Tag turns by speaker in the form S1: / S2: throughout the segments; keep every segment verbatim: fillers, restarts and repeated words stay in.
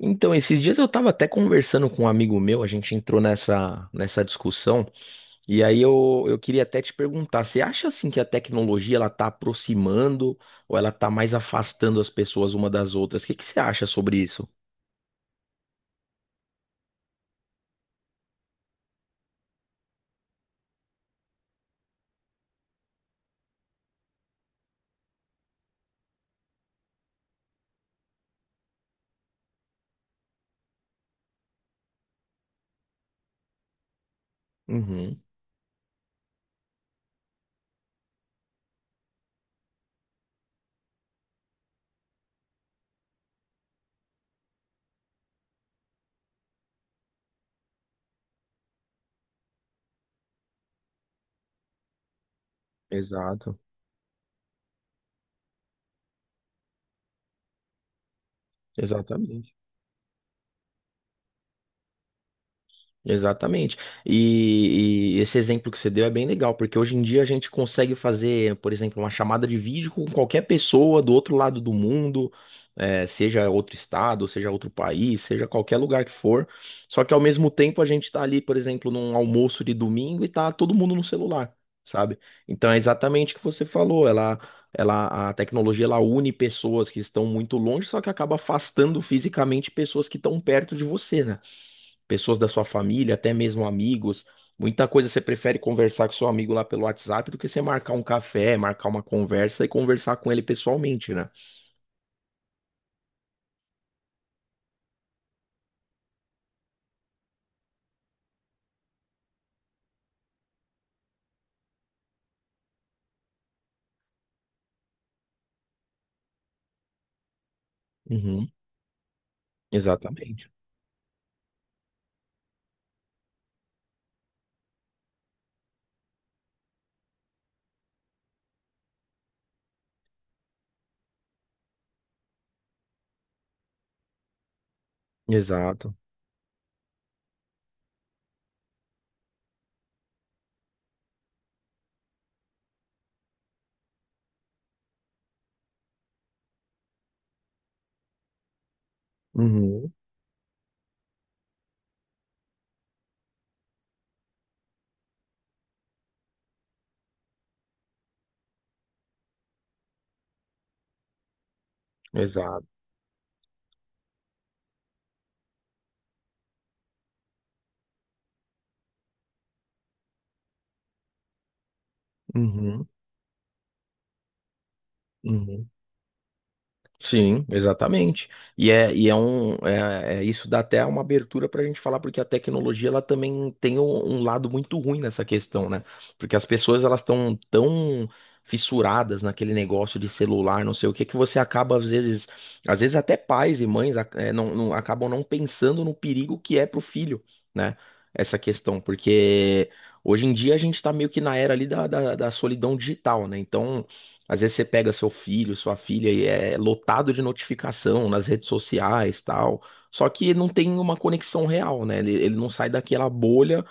S1: Então, esses dias eu estava até conversando com um amigo meu, a gente entrou nessa, nessa discussão, e aí eu, eu queria até te perguntar, você acha assim que a tecnologia ela tá aproximando ou ela tá mais afastando as pessoas uma das outras? O que que você acha sobre isso? Uhum, exato, exatamente. Exatamente. E, e esse exemplo que você deu é bem legal, porque hoje em dia a gente consegue fazer, por exemplo, uma chamada de vídeo com qualquer pessoa do outro lado do mundo, eh, seja outro estado, seja outro país, seja qualquer lugar que for. Só que ao mesmo tempo a gente está ali, por exemplo, num almoço de domingo e tá todo mundo no celular, sabe? Então é exatamente o que você falou. Ela, ela, a tecnologia ela une pessoas que estão muito longe, só que acaba afastando fisicamente pessoas que estão perto de você, né? Pessoas da sua família, até mesmo amigos. Muita coisa você prefere conversar com seu amigo lá pelo WhatsApp do que você marcar um café, marcar uma conversa e conversar com ele pessoalmente, né? Uhum, exatamente. Exato. Uhum, exato. Uhum, uhum. Sim, exatamente. E é, e é um é, é- isso dá até uma abertura para a gente falar, porque a tecnologia ela também tem um, um lado muito ruim nessa questão, né? Porque as pessoas elas estão tão fissuradas naquele negócio de celular, não sei o que, que você acaba às vezes, às vezes até pais e mães ac- é, não, não- acabam não pensando no perigo que é pro filho, né? Essa questão, porque hoje em dia a gente tá meio que na era ali da, da, da solidão digital, né? Então às vezes você pega seu filho, sua filha e é lotado de notificação nas redes sociais, tal. Só que não tem uma conexão real, né? Ele, ele não sai daquela bolha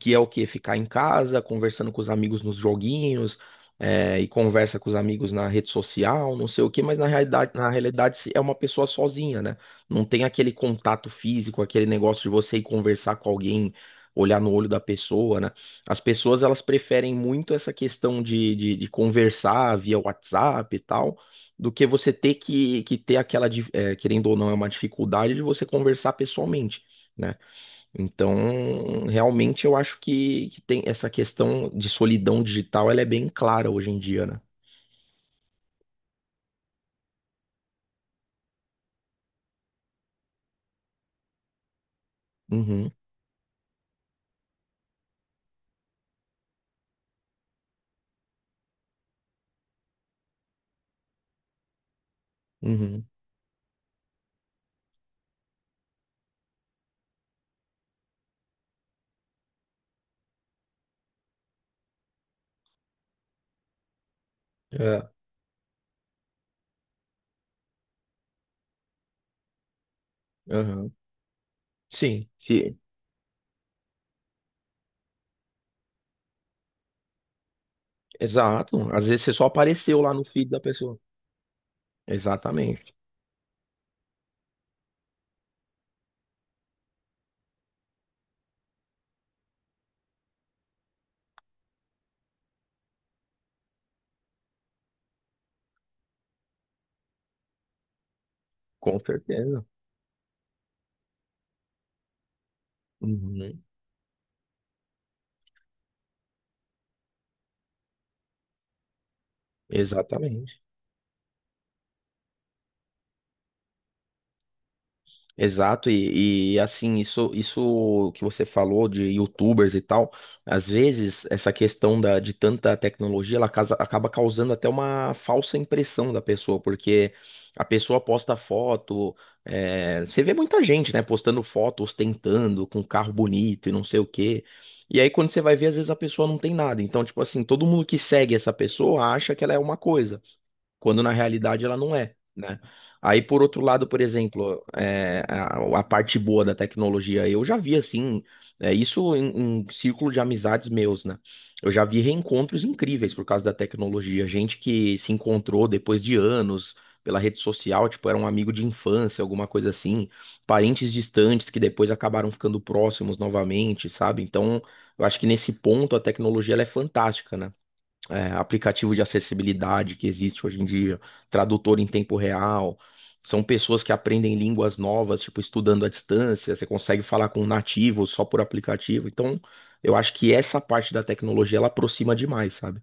S1: que é o quê? Ficar em casa, conversando com os amigos nos joguinhos, é, e conversa com os amigos na rede social, não sei o quê, mas na realidade, na realidade é uma pessoa sozinha, né? Não tem aquele contato físico, aquele negócio de você ir conversar com alguém, olhar no olho da pessoa, né? As pessoas, elas preferem muito essa questão de, de, de conversar via WhatsApp e tal. Do que você ter que, que ter aquela, dif- é, querendo ou não, é uma dificuldade de você conversar pessoalmente né? Então, realmente eu acho que, que tem essa questão de solidão digital, ela é bem clara hoje em dia, né? Uhum, uhum, é. Uhum. Sim, sim, exato. Às vezes você só apareceu lá no feed da pessoa. Exatamente, com certeza. Uhum, exatamente. Exato, e, e, assim, isso, isso que você falou de YouTubers e tal, às vezes essa questão da, de tanta tecnologia, ela casa- acaba causando até uma falsa impressão da pessoa, porque a pessoa posta foto, é, você vê muita gente, né, postando foto, ostentando, com carro bonito e não sei o quê, e aí quando você vai ver, às vezes a pessoa não tem nada, então, tipo assim, todo mundo que segue essa pessoa acha que ela é uma coisa quando na realidade ela não é, né? Aí, por outro lado, por exemplo, é, a, a parte boa da tecnologia, eu já vi assim, é, isso em, em círculo de amizades meus, né? Eu já vi reencontros incríveis por causa da tecnologia, gente que se encontrou depois de anos pela rede social, tipo, era um amigo de infância, alguma coisa assim, parentes distantes que depois acabaram ficando próximos novamente, sabe? Então, eu acho que nesse ponto a tecnologia ela é fantástica, né? É, aplicativo de acessibilidade que existe hoje em dia, tradutor em tempo real. São pessoas que aprendem línguas novas, tipo, estudando à distância. Você consegue falar com um nativo só por aplicativo. Então, eu acho que essa parte da tecnologia ela aproxima demais, sabe?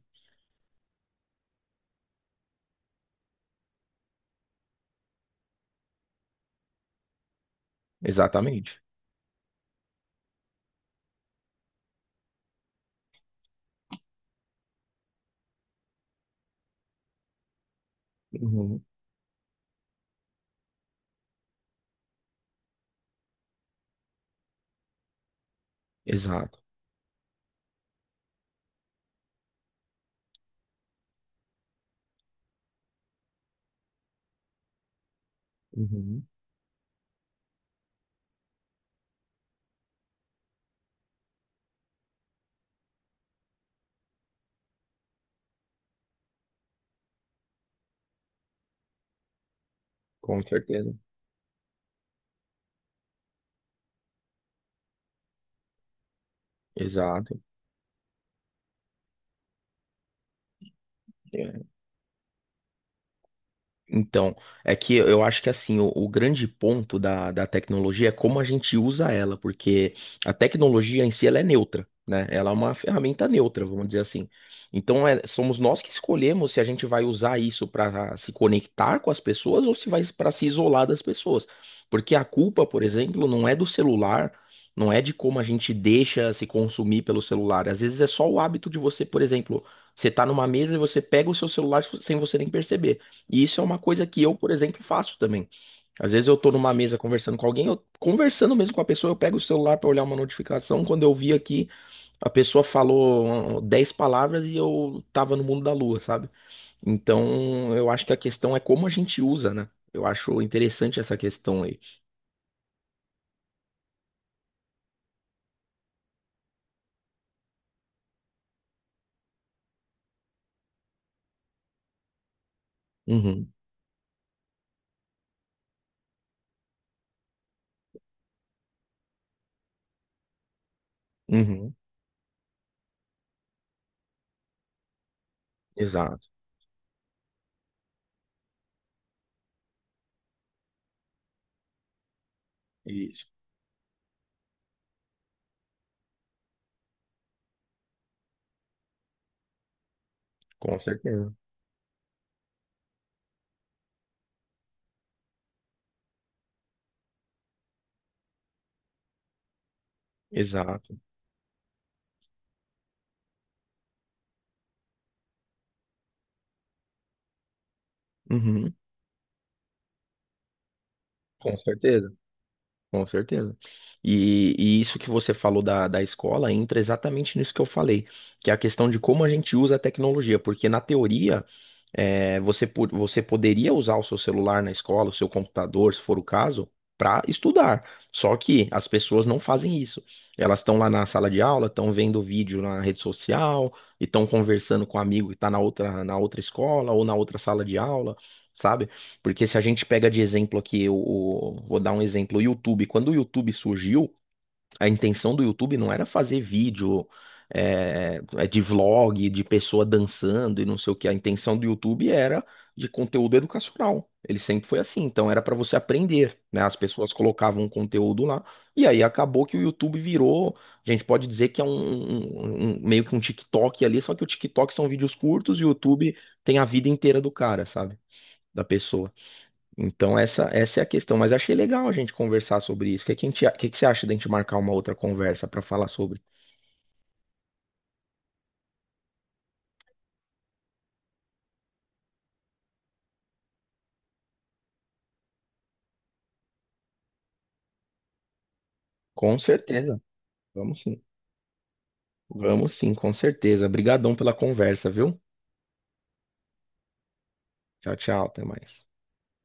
S1: Exatamente. Uhum. Exato. Uhum. Com certeza. Exato. Então, é que eu acho que assim, o, o grande ponto da, da tecnologia é como a gente usa ela, porque a tecnologia em si ela é neutra, né? Ela é uma ferramenta neutra, vamos dizer assim. Então, é- somos nós que escolhemos se a gente vai usar isso para se conectar com as pessoas ou se vai para se isolar das pessoas. Porque a culpa, por exemplo, não é do celular, não é de como a gente deixa se consumir pelo celular. Às vezes é só o hábito de você, por exemplo, você tá numa mesa e você pega o seu celular sem você nem perceber. E isso é uma coisa que eu, por exemplo, faço também. Às vezes eu tô numa mesa conversando com alguém, eu conversando mesmo com a pessoa, eu pego o celular pra olhar uma notificação. Quando eu vi aqui, a pessoa falou uh, dez palavras e eu tava no mundo da lua, sabe? Então, eu acho que a questão é como a gente usa, né? Eu acho interessante essa questão aí. Uhum, uhum, exato. Isso, com certeza. Exato. Uhum, com certeza. Com certeza. E, e isso que você falou da, da escola entra exatamente nisso que eu falei, que é a questão de como a gente usa a tecnologia, porque na teoria é, você, po- você poderia usar o seu celular na escola, o seu computador, se for o caso, para estudar. Só que as pessoas não fazem isso. Elas estão lá na sala de aula, estão vendo vídeo na rede social e estão conversando com um amigo que está na outra, na outra escola ou na outra sala de aula. Sabe? Porque se a gente pega de exemplo aqui, o, o- vou dar um exemplo, o YouTube. Quando o YouTube surgiu, a intenção do YouTube não era fazer vídeo é, é, de vlog, de pessoa dançando e não sei o que. A intenção do YouTube era de conteúdo educacional. Ele sempre foi assim. Então era para você aprender, né? As pessoas colocavam um conteúdo lá e aí acabou que o YouTube virou. A gente pode dizer que é um, um- um- meio que um TikTok ali, só que o TikTok são vídeos curtos e o YouTube tem a vida inteira do cara, sabe? Da pessoa. Então essa, essa é a questão. Mas achei legal a gente conversar sobre isso. O que, que, a gente a- que que você acha da gente marcar uma outra conversa para falar sobre? Com certeza. Vamos sim. Vamos sim, com certeza. Obrigadão pela conversa, viu? Tchau, tchau. Até mais.